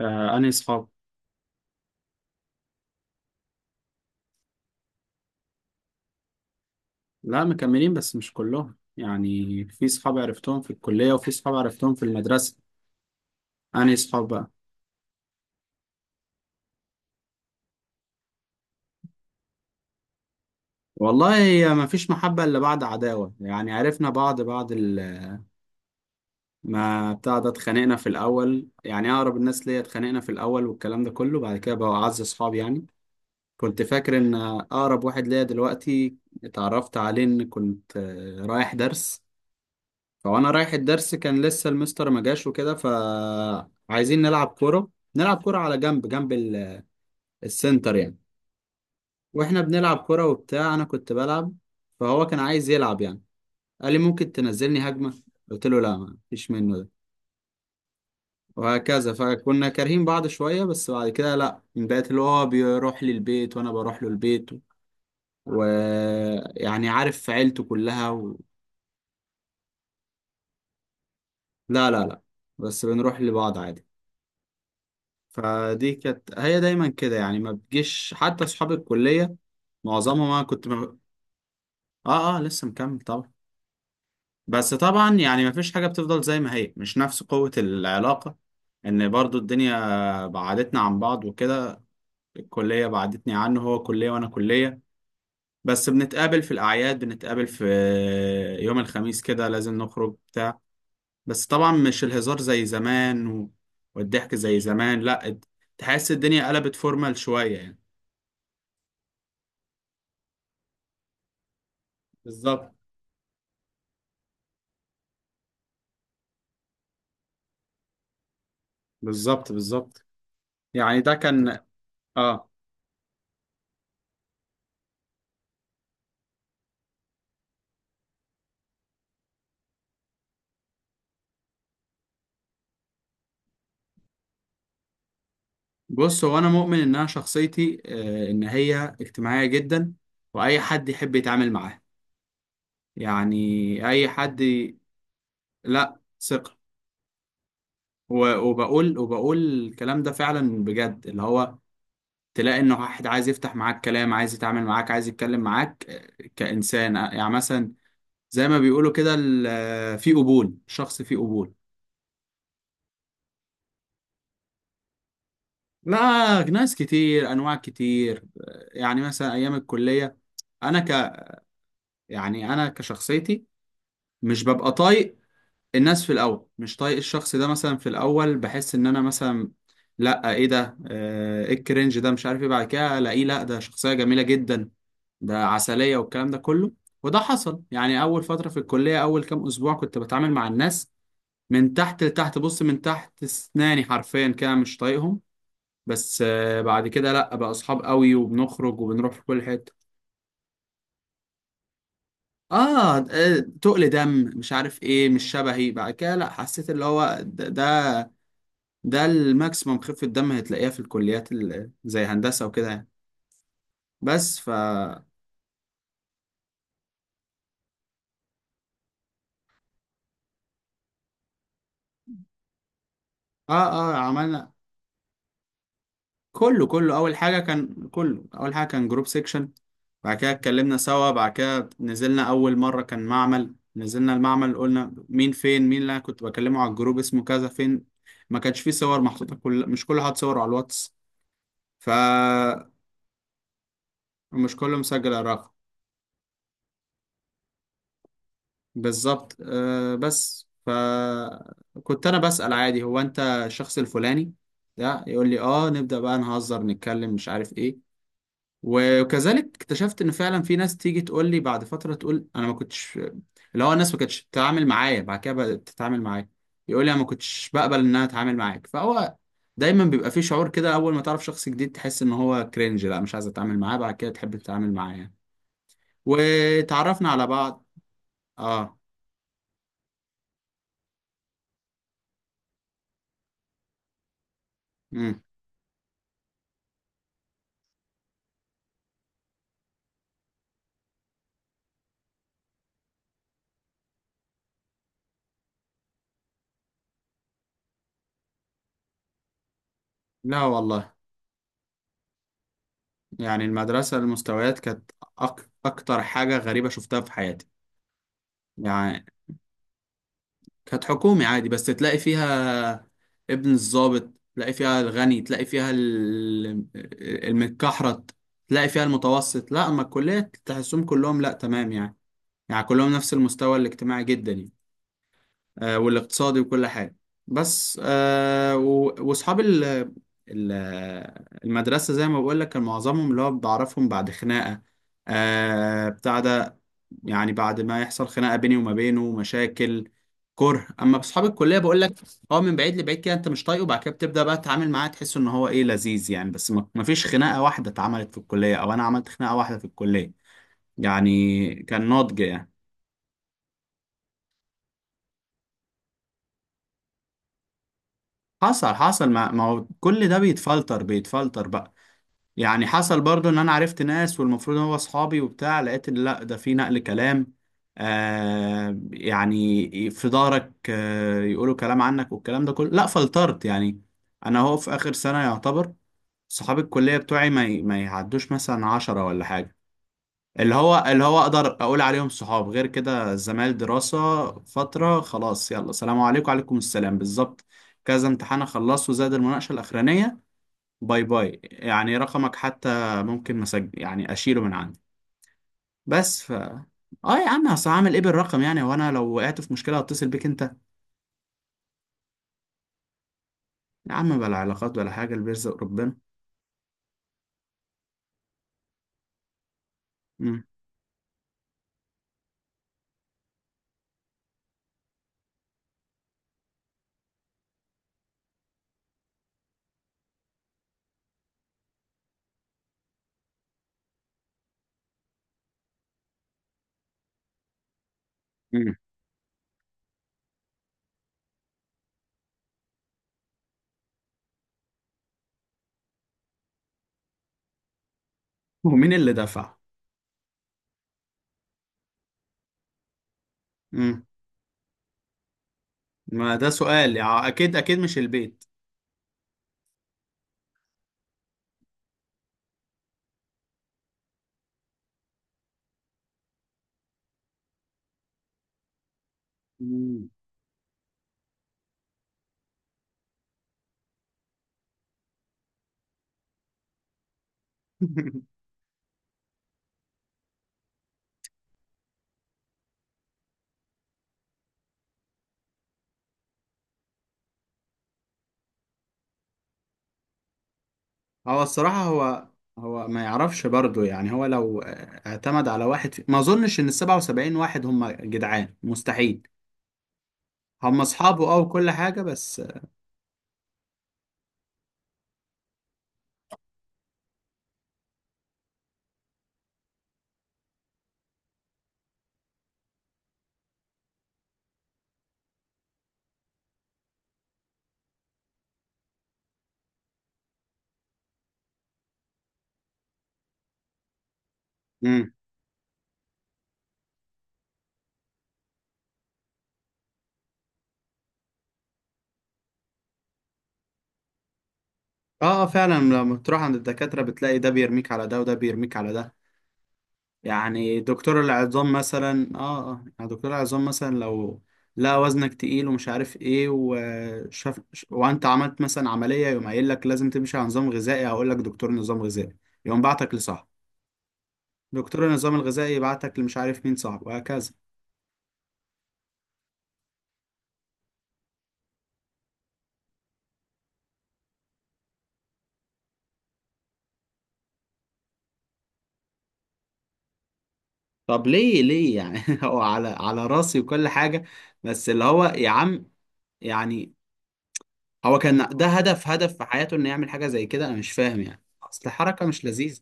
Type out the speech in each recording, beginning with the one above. آه، أنهي صحاب؟ لا مكملين، بس مش كلهم. يعني في صحاب عرفتهم في الكلية وفي صحاب عرفتهم في المدرسة. أنهي صحاب بقى؟ والله هي ما فيش محبة إلا بعد عداوة، يعني عرفنا بعض بعد ما بتاع ده. اتخانقنا في الأول، يعني أقرب الناس ليا اتخانقنا في الأول والكلام ده كله، بعد كده بقوا أعز صحاب يعني. كنت فاكر إن أقرب واحد ليا دلوقتي اتعرفت عليه إن كنت رايح درس. هو انا رايح الدرس، كان لسه المستر ما جاش وكده، فعايزين نلعب كوره. نلعب كوره على جنب، جنب السنتر يعني. واحنا بنلعب كوره وبتاع، انا كنت بلعب، فهو كان عايز يلعب يعني. قال لي ممكن تنزلني هجمه، قلت له لا ما فيش منه ده. وهكذا، فكنا كارهين بعض شويه، بس بعد كده لا، من بقيت اللي هو بيروح لي البيت وانا بروح له البيت، ويعني عارف عيلته كلها لا لا لا. بس بنروح لبعض عادي. فدي كانت هي دايما كده يعني. ما بتجيش حتى اصحاب الكليه، معظمهم انا كنت اه اه، لسه مكمل طبعا. بس طبعا يعني ما فيش حاجه بتفضل زي ما هي، مش نفس قوه العلاقه، ان برضو الدنيا بعدتنا عن بعض وكده. الكليه بعدتني عنه، هو كليه وانا كليه. بس بنتقابل في الاعياد، بنتقابل في يوم الخميس كده لازم نخرج بتاع. بس طبعا مش الهزار زي زمان والضحك زي زمان لا. تحس الدنيا قلبت فورمال شويه يعني. بالظبط بالظبط بالظبط. يعني ده كان اه. بص، هو انا مؤمن ان انا شخصيتي آه، ان هي اجتماعيه جدا، واي حد يحب يتعامل معاه يعني. اي حد ي- لا، ثقه. وبقول وبقول الكلام ده فعلا بجد. اللي هو تلاقي ان واحد عايز يفتح معاك كلام، عايز يتعامل معاك، عايز يتكلم معاك كانسان. يعني مثلا زي ما بيقولوا كده في قبول، شخص فيه قبول. لا، ناس كتير، انواع كتير. يعني مثلا ايام الكليه، انا ك يعني انا كشخصيتي مش ببقى طايق الناس في الاول. مش طايق الشخص ده مثلا في الاول، بحس ان انا مثلا لا، ايه ده، ايه الكرنج ده، مش عارف ايه. بعد كده الاقيه لا، ده شخصيه جميله جدا، ده عسليه والكلام ده كله. وده حصل يعني اول فتره في الكليه، اول كام اسبوع كنت بتعامل مع الناس من تحت لتحت. بص، من تحت اسناني حرفيا كده، مش طايقهم. بس بعد كده لا، بقى اصحاب قوي وبنخرج وبنروح في كل حته. اه تقل دم، مش عارف ايه، مش شبهي. بعد كده لا، حسيت اللي هو ده الماكسيمم خفه دم هتلاقيها في الكليات زي هندسه وكده يعني. بس ف اه. اه عملنا. كله اول حاجه كان كله اول حاجه كان جروب سيكشن. بعد كده اتكلمنا سوا، بعد كده نزلنا أول مرة، كان معمل. نزلنا المعمل قلنا مين فين، مين اللي أنا كنت بكلمه على الجروب اسمه كذا فين. ما كانش فيه صور محطوطة، مش كل حد صور على الواتس، فمش كله مسجل الرقم. بالظبط آه. بس فكنت أنا بسأل عادي، هو أنت الشخص الفلاني ده؟ يقول لي آه، نبدأ بقى نهزر، نتكلم مش عارف إيه. وكذلك اكتشفت ان فعلا في ناس تيجي تقول لي بعد فتره، تقول انا ما كنتش، اللي هو الناس ما كانتش بتتعامل معايا، بعد كده بدات تتعامل معايا. يقول لي انا ما كنتش بقبل ان انا اتعامل معاك. فهو دايما بيبقى في شعور كده، اول ما تعرف شخص جديد تحس ان هو كرنج، لا مش عايز اتعامل معاه، بعد كده تحب تتعامل معاه يعني. وتعرفنا على بعض. اه. امم. لا والله. يعني المدرسه المستويات كانت اكتر حاجه غريبه شفتها في حياتي. يعني كانت حكومي عادي، بس تلاقي فيها ابن الضابط، تلاقي فيها الغني، تلاقي فيها المتكحرت، تلاقي فيها المتوسط. لا اما الكلية تحسهم كلهم لا، تمام يعني. يعني كلهم نفس المستوى الاجتماعي جدا يعني، والاقتصادي وكل حاجة. بس واصحاب ال- المدرسة زي ما بقول لك كان معظمهم اللي هو بعرفهم بعد خناقة بتاع ده. يعني بعد ما يحصل خناقة بيني وما بينه مشاكل، كره. اما بصحاب الكلية بقول لك، هو من بعيد لبعيد كده انت مش طايقه، وبعد كده بتبدأ بقى تتعامل معاه، تحس ان هو ايه، لذيذ يعني. بس ما فيش خناقة واحدة اتعملت في الكلية، او انا عملت خناقة واحدة في الكلية يعني. كان ناضج يعني. حصل حصل. ما هو كل ده بيتفلتر بيتفلتر بقى. يعني حصل برضو ان انا عرفت ناس والمفروض هو اصحابي وبتاع، لقيت إن لا، ده في نقل كلام آه، يعني في ظهرك آه، يقولوا كلام عنك والكلام ده كله، لا فلترت يعني. انا هو في اخر سنة يعتبر صحاب الكلية بتوعي ما يعدوش مثلا 10 ولا حاجة. اللي هو اقدر اقول عليهم صحاب، غير كده زمايل دراسة فترة، خلاص يلا سلام عليكم وعليكم السلام، بالظبط. كذا امتحان اخلصه، زاد المناقشة الاخرانية، باي باي. يعني رقمك حتى ممكن مسج يعني اشيله من عندي. بس ف اه. يا عم اصل هعمل ايه بالرقم يعني، وانا لو وقعت في مشكلة هتصل بيك انت. يا عم بلا علاقات ولا حاجة، اللي بيرزق ربنا. مم. مم. ومين اللي دفع؟ مم. ما ده سؤال يعني، اكيد اكيد مش البيت. مم. هو الصراحة هو، هو ما يعرفش برضه يعني. هو لو اعتمد على واحد ما اظنش ان ال 77 واحد هم جدعان، مستحيل. هم اصحابه اه وكل حاجة بس. امم. اه فعلا لما تروح عند الدكاترة بتلاقي ده بيرميك على ده وده بيرميك على ده. يعني دكتور العظام مثلا اه اه، يعني دكتور العظام مثلا لو لا وزنك تقيل ومش عارف ايه، وشاف وانت عملت مثلا عملية، يقوم قايل لك لازم تمشي على نظام غذائي. هقول لك دكتور نظام غذائي، يقوم بعتك لصاحب. دكتور النظام الغذائي يبعتك لمش عارف مين صاحبه، وهكذا. طب ليه ليه يعني هو على على راسي وكل حاجة. بس اللي هو يا عم يعني، هو كان ده هدف، هدف في حياته انه يعمل حاجة زي كده؟ انا مش فاهم يعني، اصل حركة مش لذيذة.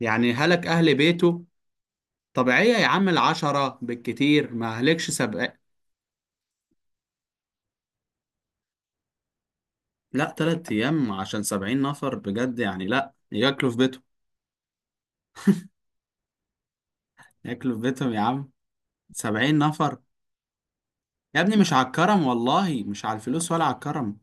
يعني هلك اهل بيته. طبيعية يا عم العشرة بالكتير، ما هلكش سبع. لا 3 ايام عشان 70 نفر بجد يعني، لا ياكلوا في بيتهم. ياكلوا في بيتهم يا عم، 70 نفر. يا ابني مش على الكرم، والله مش على الفلوس ولا على الكرم.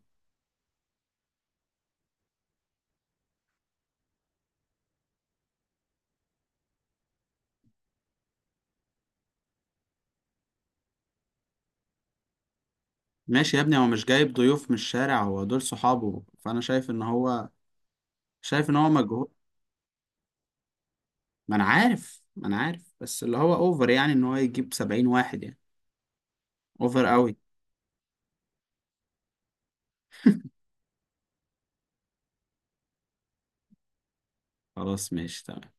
ماشي يا ابني، هو مش جايب ضيوف من الشارع، هو دول صحابه. فانا شايف ان هو، شايف ان هو مجهول. ما انا عارف ما انا عارف، بس اللي هو اوفر يعني ان هو يجيب 70 واحد يعني. اوفر قوي. خلاص ماشي تمام.